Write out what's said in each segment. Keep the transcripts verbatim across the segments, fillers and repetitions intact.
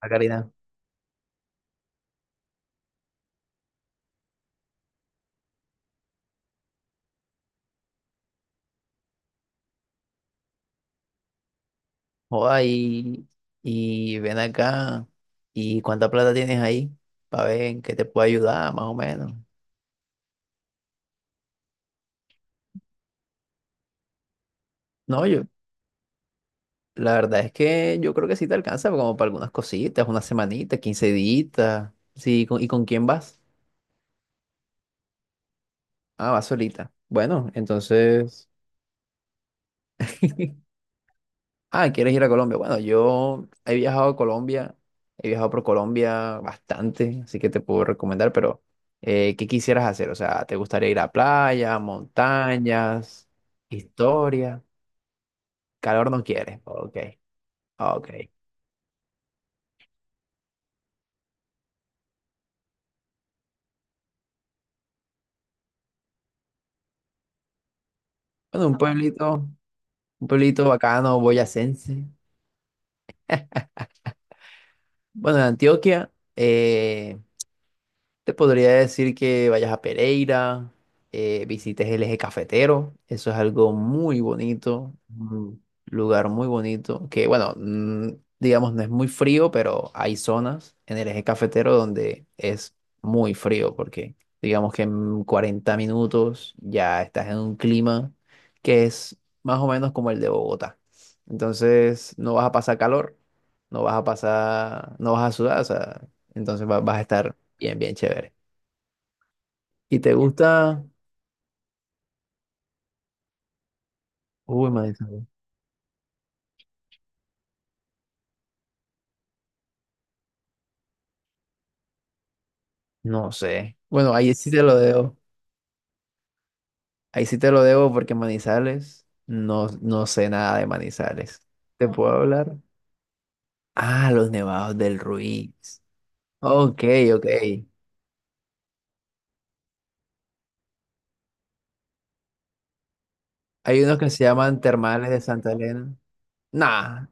Ah, Karina. Joda, y, y ven acá. ¿Y cuánta plata tienes ahí? Para ver en qué te puedo ayudar, más o menos. No, yo, la verdad es que yo creo que sí te alcanza como para algunas cositas, una semanita, quince días. Sí, ¿con- ¿y con quién vas? Ah, vas solita. Bueno, entonces. Ah, ¿quieres ir a Colombia? Bueno, yo he viajado a Colombia, he viajado por Colombia bastante, así que te puedo recomendar, pero eh, ¿qué quisieras hacer? O sea, ¿te gustaría ir a playa, montañas, historia? ¿Calor no quieres? Ok, ok. Bueno, un pueblito, un pueblito bacano, boyacense. Bueno, en Antioquia, eh, te podría decir que vayas a Pereira, eh, visites el eje cafetero. Eso es algo muy bonito, un lugar muy bonito, que bueno, mm, digamos no es muy frío, pero hay zonas en el eje cafetero donde es muy frío, porque digamos que en cuarenta minutos ya estás en un clima que es más o menos como el de Bogotá. Entonces no vas a pasar calor, no vas a pasar, no vas a sudar, o sea, entonces va- vas a estar bien, bien, chévere. ¿Y te gusta? Uy, Manizales. No sé. Bueno, ahí sí te lo debo. Ahí sí te lo debo porque Manizales, no, no sé nada de Manizales. ¿Te puedo hablar? Ah, los nevados del Ruiz. Ok, ok. Hay unos que se llaman termales de Santa Elena. Nah,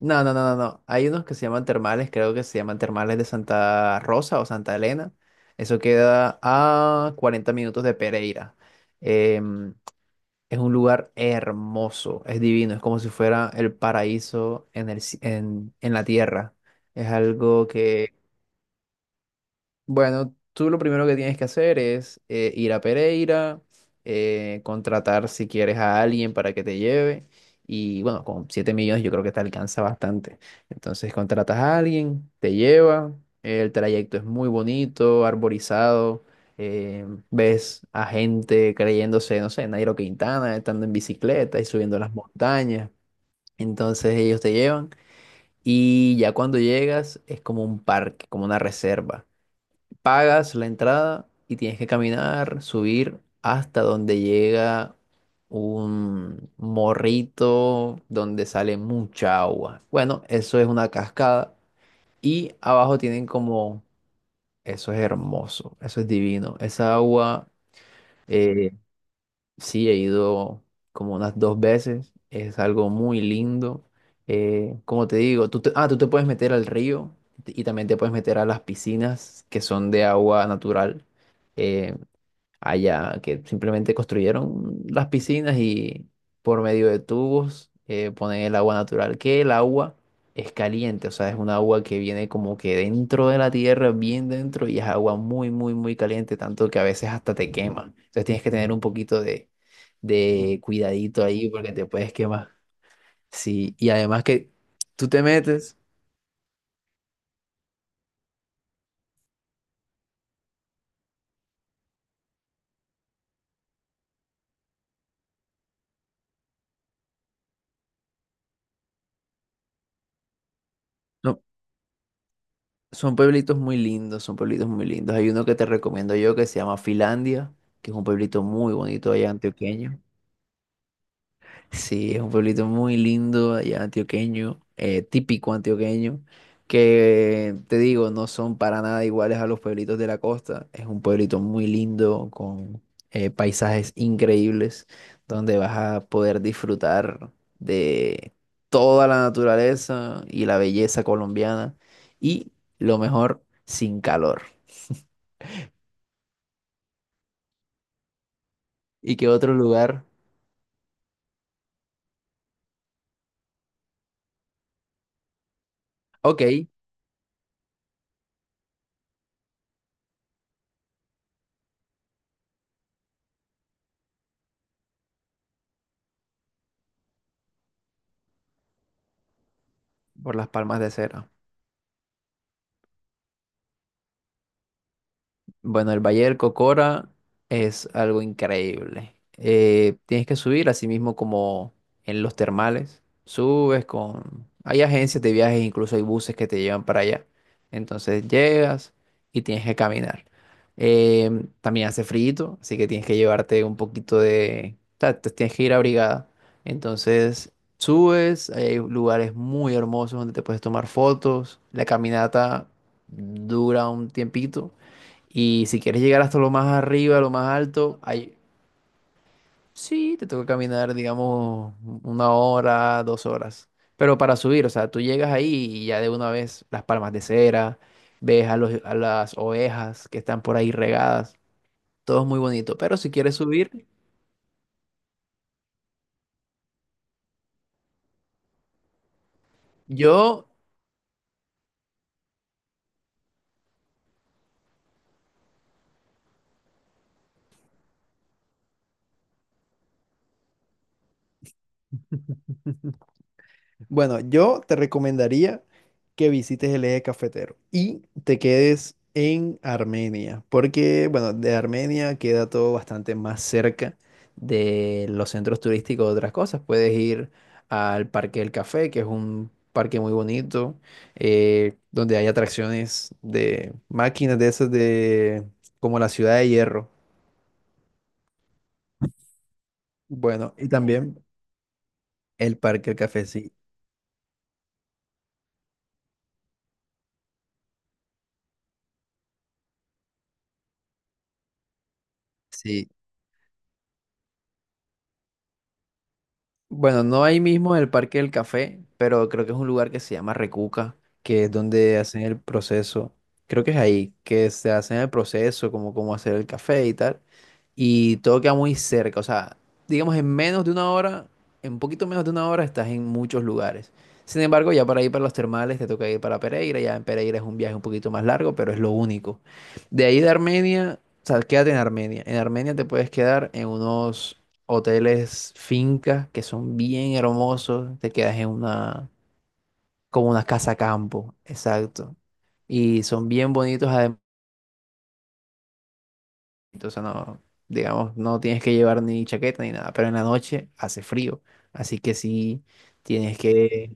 no, no, no, no, no. Hay unos que se llaman termales, creo que se llaman termales de Santa Rosa o Santa Elena. Eso queda a cuarenta minutos de Pereira. Em, Es un lugar hermoso, es divino, es como si fuera el paraíso en el, ci- en, en la tierra. Es algo que, bueno, tú lo primero que tienes que hacer es, eh, ir a Pereira, eh, contratar si quieres a alguien para que te lleve. Y bueno, con siete millones yo creo que te alcanza bastante. Entonces contratas a alguien, te lleva, el trayecto es muy bonito, arborizado, eh, ves a gente creyéndose, no sé, Nairo Quintana, estando en bicicleta y subiendo las montañas. Entonces ellos te llevan y ya cuando llegas es como un parque, como una reserva. Pagas la entrada y tienes que caminar, subir hasta donde llega un morrito donde sale mucha agua. Bueno, eso es una cascada y abajo tienen como, eso es hermoso, eso es divino, esa agua... eh, sí, he ido como unas dos veces, es algo muy lindo. Eh, como te digo, tú te, ah, tú te puedes meter al río y también te puedes meter a las piscinas que son de agua natural. Eh, allá, que simplemente construyeron las piscinas y por medio de tubos, eh, ponen el agua natural, que el agua es caliente, o sea, es un agua que viene como que dentro de la tierra, bien dentro, y es agua muy, muy, muy caliente, tanto que a veces hasta te quema. Entonces tienes que tener un poquito de, de cuidadito ahí porque te puedes quemar. Sí, y además que tú te metes, no. Son pueblitos muy lindos, son pueblitos muy lindos. Hay uno que te recomiendo yo que se llama Filandia, que es un pueblito muy bonito allá antioqueño. Sí, es un pueblito muy lindo allá antioqueño, eh, típico antioqueño, que te digo, no son para nada iguales a los pueblitos de la costa. Es un pueblito muy lindo, con eh, paisajes increíbles, donde vas a poder disfrutar de toda la naturaleza y la belleza colombiana y lo mejor, sin calor. ¿Y qué otro lugar? Ok, por las Palmas de Cera. Bueno, el Valle del Cocora es algo increíble. Eh, tienes que subir, así mismo como en los termales. Subes con... hay agencias de viajes, incluso hay buses que te llevan para allá. Entonces llegas y tienes que caminar. Em, también hace frío, así que tienes que llevarte un poquito de... o sea, te tienes que ir abrigada. Entonces subes, hay lugares muy hermosos donde te puedes tomar fotos. La caminata dura un tiempito y si quieres llegar hasta lo más arriba, lo más alto, ahí sí te toca caminar, digamos, una hora, dos horas. Pero para subir, o sea, tú llegas ahí y ya de una vez las palmas de cera, ves a los, a las ovejas que están por ahí regadas, todo es muy bonito. Pero si quieres subir, yo bueno, yo te recomendaría que visites el eje cafetero y te quedes en Armenia, porque, bueno, de Armenia queda todo bastante más cerca de los centros turísticos de otras cosas. Puedes ir al Parque del Café, que es un parque muy bonito, eh, donde hay atracciones de máquinas de esas de, como la Ciudad de Hierro. Bueno, y también el Parque del Café, sí. Sí, bueno, no ahí mismo en el Parque del Café, pero creo que es un lugar que se llama Recuca, que es donde hacen el proceso. Creo que es ahí, que se hacen el proceso, como cómo hacer el café y tal. Y todo queda muy cerca, o sea, digamos en menos de una hora, en un poquito menos de una hora estás en muchos lugares. Sin embargo, ya para ir para los termales te toca ir para Pereira, ya en Pereira es un viaje un poquito más largo, pero es lo único. De ahí de Armenia, o sea, quédate en Armenia. En Armenia te puedes quedar en unos hoteles, fincas que son bien hermosos. Te quedas en una, como una casa campo, exacto. Y son bien bonitos además. Entonces no, digamos, no tienes que llevar ni chaqueta ni nada, pero en la noche hace frío. Así que sí, tienes que...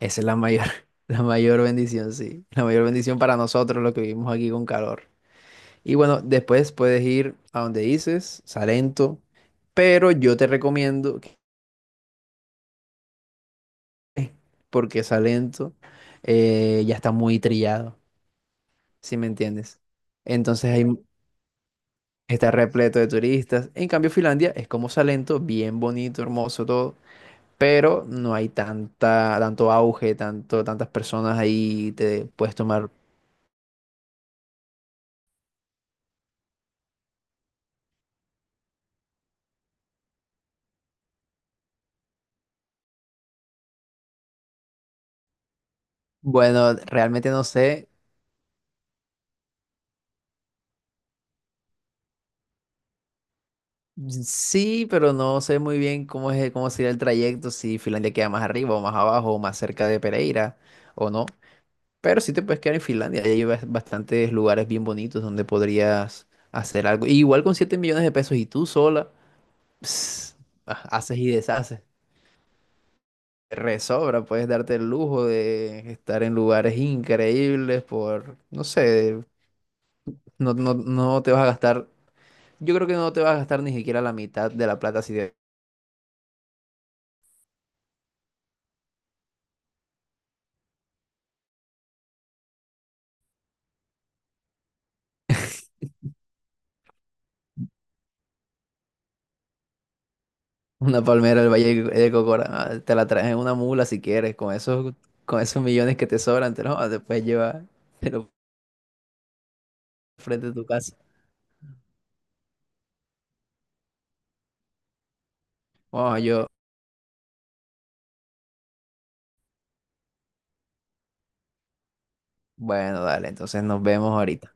esa es la mayor, la mayor bendición, sí. La mayor bendición para nosotros los que vivimos aquí con calor. Y bueno, después puedes ir a donde dices, Salento, pero yo te recomiendo porque esa lento, eh, ya está muy trillado, ¿si me entiendes? Entonces ahí está repleto de turistas. En cambio, Finlandia es como Salento, bien bonito, hermoso todo, pero no hay tanta, tanto auge, tanto, tantas personas ahí te puedes tomar. Bueno, realmente no sé. Sí, pero no sé muy bien cómo es, cómo sería el trayecto, si Finlandia queda más arriba o más abajo o más cerca de Pereira o no. Pero sí te puedes quedar en Finlandia, ahí hay bas- bastantes lugares bien bonitos donde podrías hacer algo. Y igual con siete millones de pesos y tú sola, ps, ha- haces y deshaces. Te resobra, puedes darte el lujo de estar en lugares increíbles por, no sé, no, no, no te vas a gastar, yo creo que no te vas a gastar ni siquiera la mitad de la plata si de una palmera del Valle de Cocora, ah, te la traes en una mula si quieres, con esos, con esos millones que te sobran, te los te puedes llevar, te lo frente de tu casa. Bueno, yo, Bueno, dale, entonces nos vemos ahorita.